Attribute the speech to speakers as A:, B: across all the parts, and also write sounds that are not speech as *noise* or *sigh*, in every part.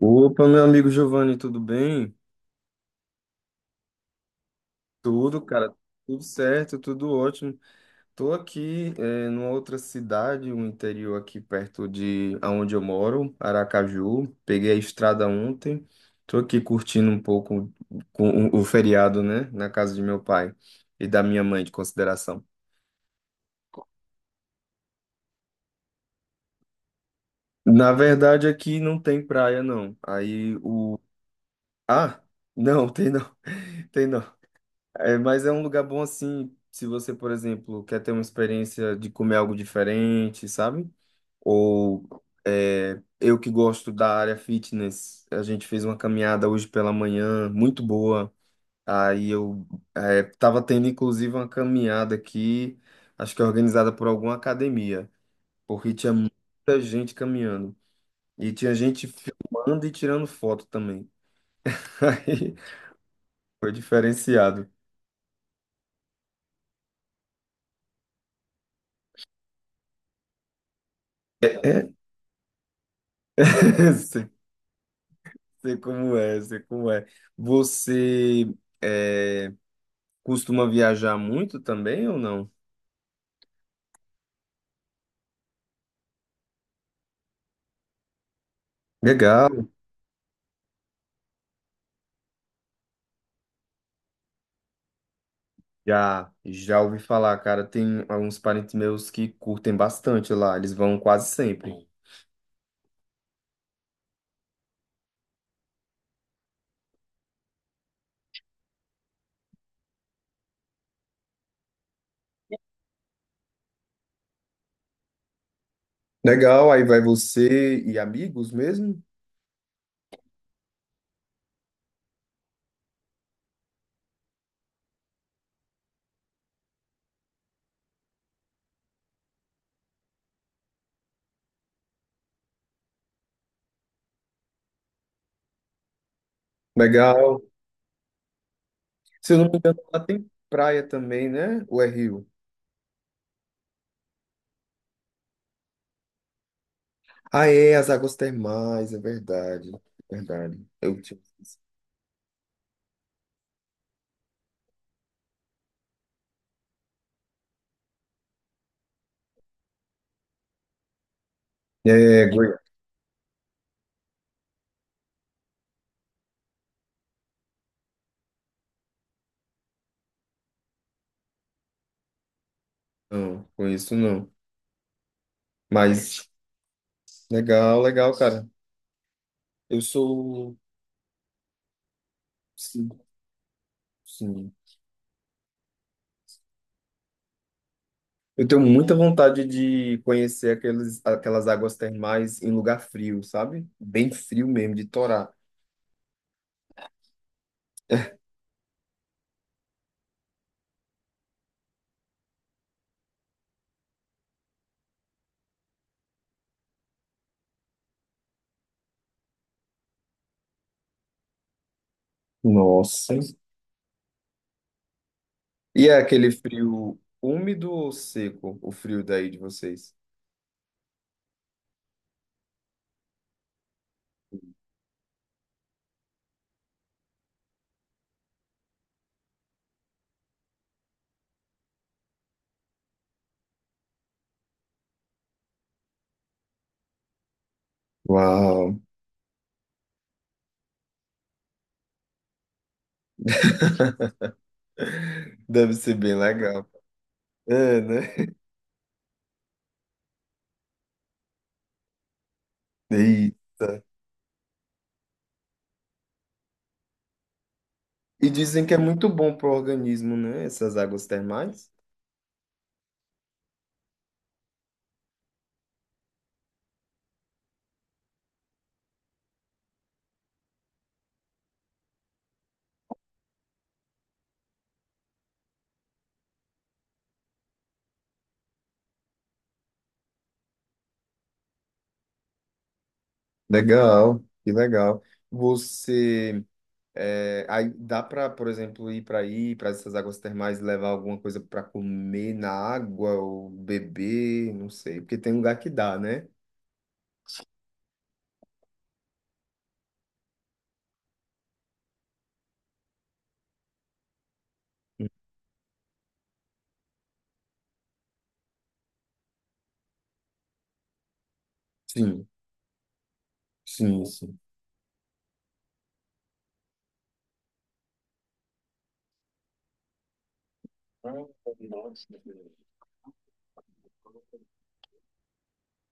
A: Opa, meu amigo Giovanni, tudo bem? Tudo, cara, tudo certo, tudo ótimo. Tô aqui, numa outra cidade, um interior aqui perto de aonde eu moro, Aracaju. Peguei a estrada ontem. Tô aqui curtindo um pouco com o feriado, né, na casa de meu pai e da minha mãe, de consideração. Na verdade, aqui não tem praia, não. Aí o. Ah, não, tem não. *laughs* Tem não. É, mas é um lugar bom assim, se você, por exemplo, quer ter uma experiência de comer algo diferente, sabe? Ou eu que gosto da área fitness, a gente fez uma caminhada hoje pela manhã, muito boa. Aí eu Tava tendo inclusive uma caminhada aqui, acho que é organizada por alguma academia, porque tinha muita gente caminhando. E tinha gente filmando e tirando foto também. *laughs* Aí foi diferenciado. *clears throat* *laughs* Sei como é, sei como é. Você é, Costuma viajar muito também ou não? Legal. Já, já ouvi falar, cara. Tem alguns parentes meus que curtem bastante lá. Eles vão quase sempre. Legal, aí vai você e amigos mesmo? Legal. Se eu não me engano, lá tem praia também, né? Ou é rio? Ah, é, as águas termais, é verdade. Verdade. Eu tinha esquecido. É, Goi- não, conheço não. Mas legal, legal, cara. Eu sou. Sim, sim. Eu tenho muita vontade de conhecer aquelas águas termais em lugar frio, sabe? Bem frio mesmo, de torar. Nossa. E é aquele frio úmido ou seco, o frio daí de vocês? Uau, deve ser bem legal. É, né? Eita. E dizem que é muito bom para o organismo, né? Essas águas termais. Legal, que legal. Você. É, aí dá para, por exemplo, ir para aí, para essas águas termais, levar alguma coisa para comer na água ou beber, não sei, porque tem lugar que dá, né? Sim, sim, sim.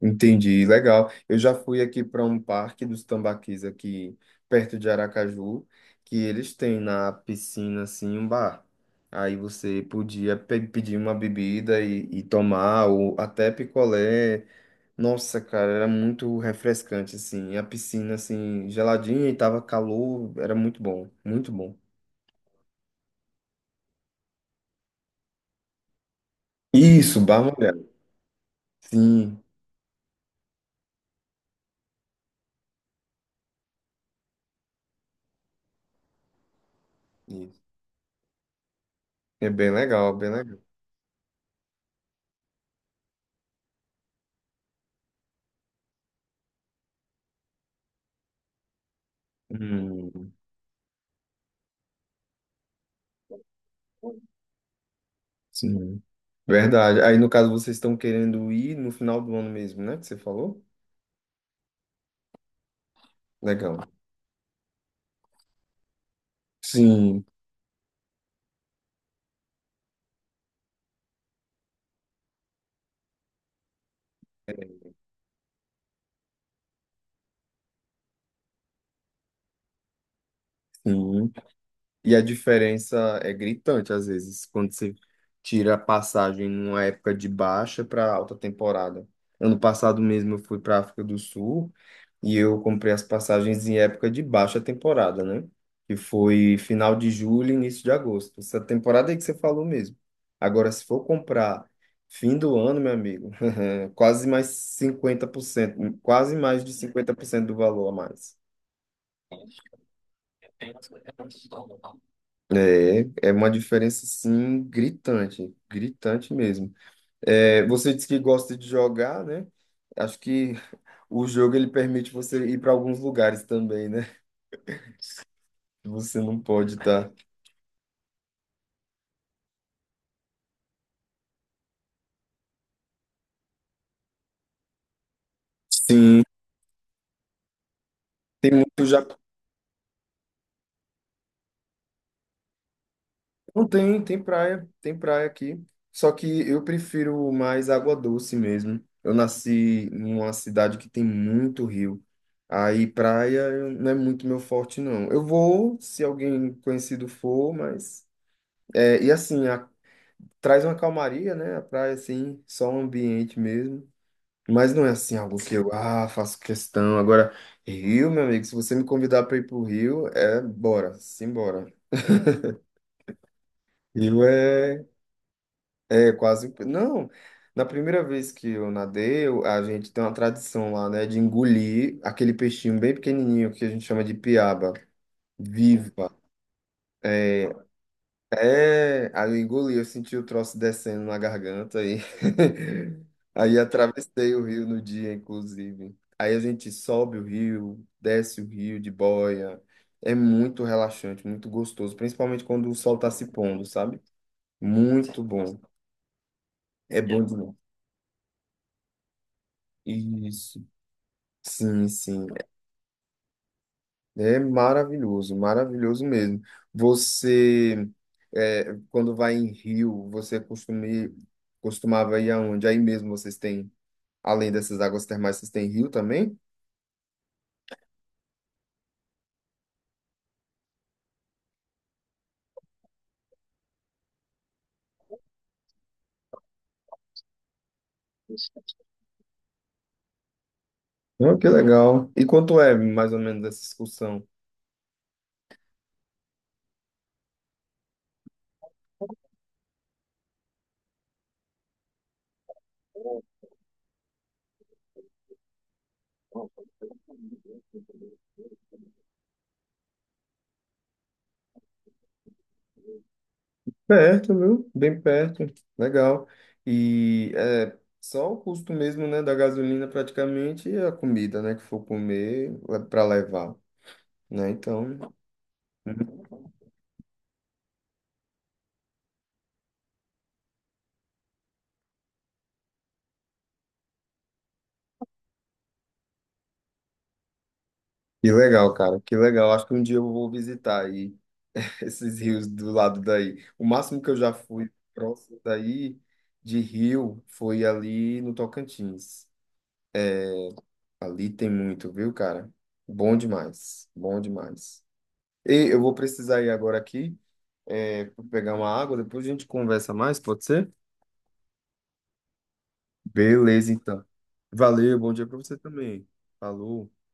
A: Entendi, legal. Eu já fui aqui para um parque dos tambaquis aqui perto de Aracaju, que eles têm na piscina assim um bar. Aí você podia pedir uma bebida e tomar, ou até picolé. Nossa, cara, era muito refrescante, assim. E a piscina, assim, geladinha e tava calor, era muito bom, muito bom. Isso, barra molhada. Sim, isso. É bem legal, bem legal. Hum, sim. Verdade. Aí, no caso, vocês estão querendo ir no final do ano mesmo, né? Que você falou? Legal. Sim, sim. E a diferença é gritante, às vezes, quando você tira a passagem numa época de baixa para alta temporada. Ano passado mesmo eu fui para a África do Sul e eu comprei as passagens em época de baixa temporada, né? Que foi final de julho, início de agosto. Essa temporada aí que você falou mesmo. Agora, se for comprar fim do ano, meu amigo, *laughs* quase mais 50% quase mais de 50% do valor a mais. É, é uma diferença, sim, gritante, gritante mesmo. É, você disse que gosta de jogar, né? Acho que o jogo ele permite você ir para alguns lugares também, né? Que você não pode estar. Sim, tem muito já. Não tem, tem praia aqui. Só que eu prefiro mais água doce mesmo. Eu nasci numa cidade que tem muito rio. Aí praia não é muito meu forte, não. Eu vou, se alguém conhecido for, mas. É, e assim, a- Traz uma calmaria, né? A praia, assim, só um ambiente mesmo. Mas não é assim algo que eu faço questão. Agora, Rio, meu amigo, se você me convidar para ir pro Rio, é bora, simbora. Rio é, É quase. Não, na primeira vez que eu nadei, a gente tem uma tradição lá, né, de engolir aquele peixinho bem pequenininho que a gente chama de piaba, viva. É, Aí eu engoli, eu senti o troço descendo na garganta aí. *laughs* Aí atravessei o rio no dia, inclusive. Aí a gente sobe o rio, desce o rio de boia. É muito relaxante, muito gostoso, principalmente quando o sol está se pondo, sabe? Muito bom. É bom demais. Isso. Sim, sim. É maravilhoso, maravilhoso mesmo. Você, é, quando vai em rio, você costuma, ir- Costumava ir aonde? Aí mesmo vocês têm. Além dessas águas termais, vocês têm rio também? Oh, que legal. E quanto é mais ou menos essa excursão? Perto, viu? Bem perto. Legal. E é só o custo mesmo, né, da gasolina praticamente e a comida, né, que for comer para levar, né? Então, que legal, cara. Que legal. Acho que um dia eu vou visitar aí *laughs* esses rios do lado daí. O máximo que eu já fui próximo daí de rio foi ali no Tocantins. Ali tem muito, viu, cara? Bom demais, bom demais. E eu vou precisar ir agora aqui, pra pegar uma água, depois a gente conversa mais, pode ser? Beleza, então. Valeu, bom dia pra você também. Falou.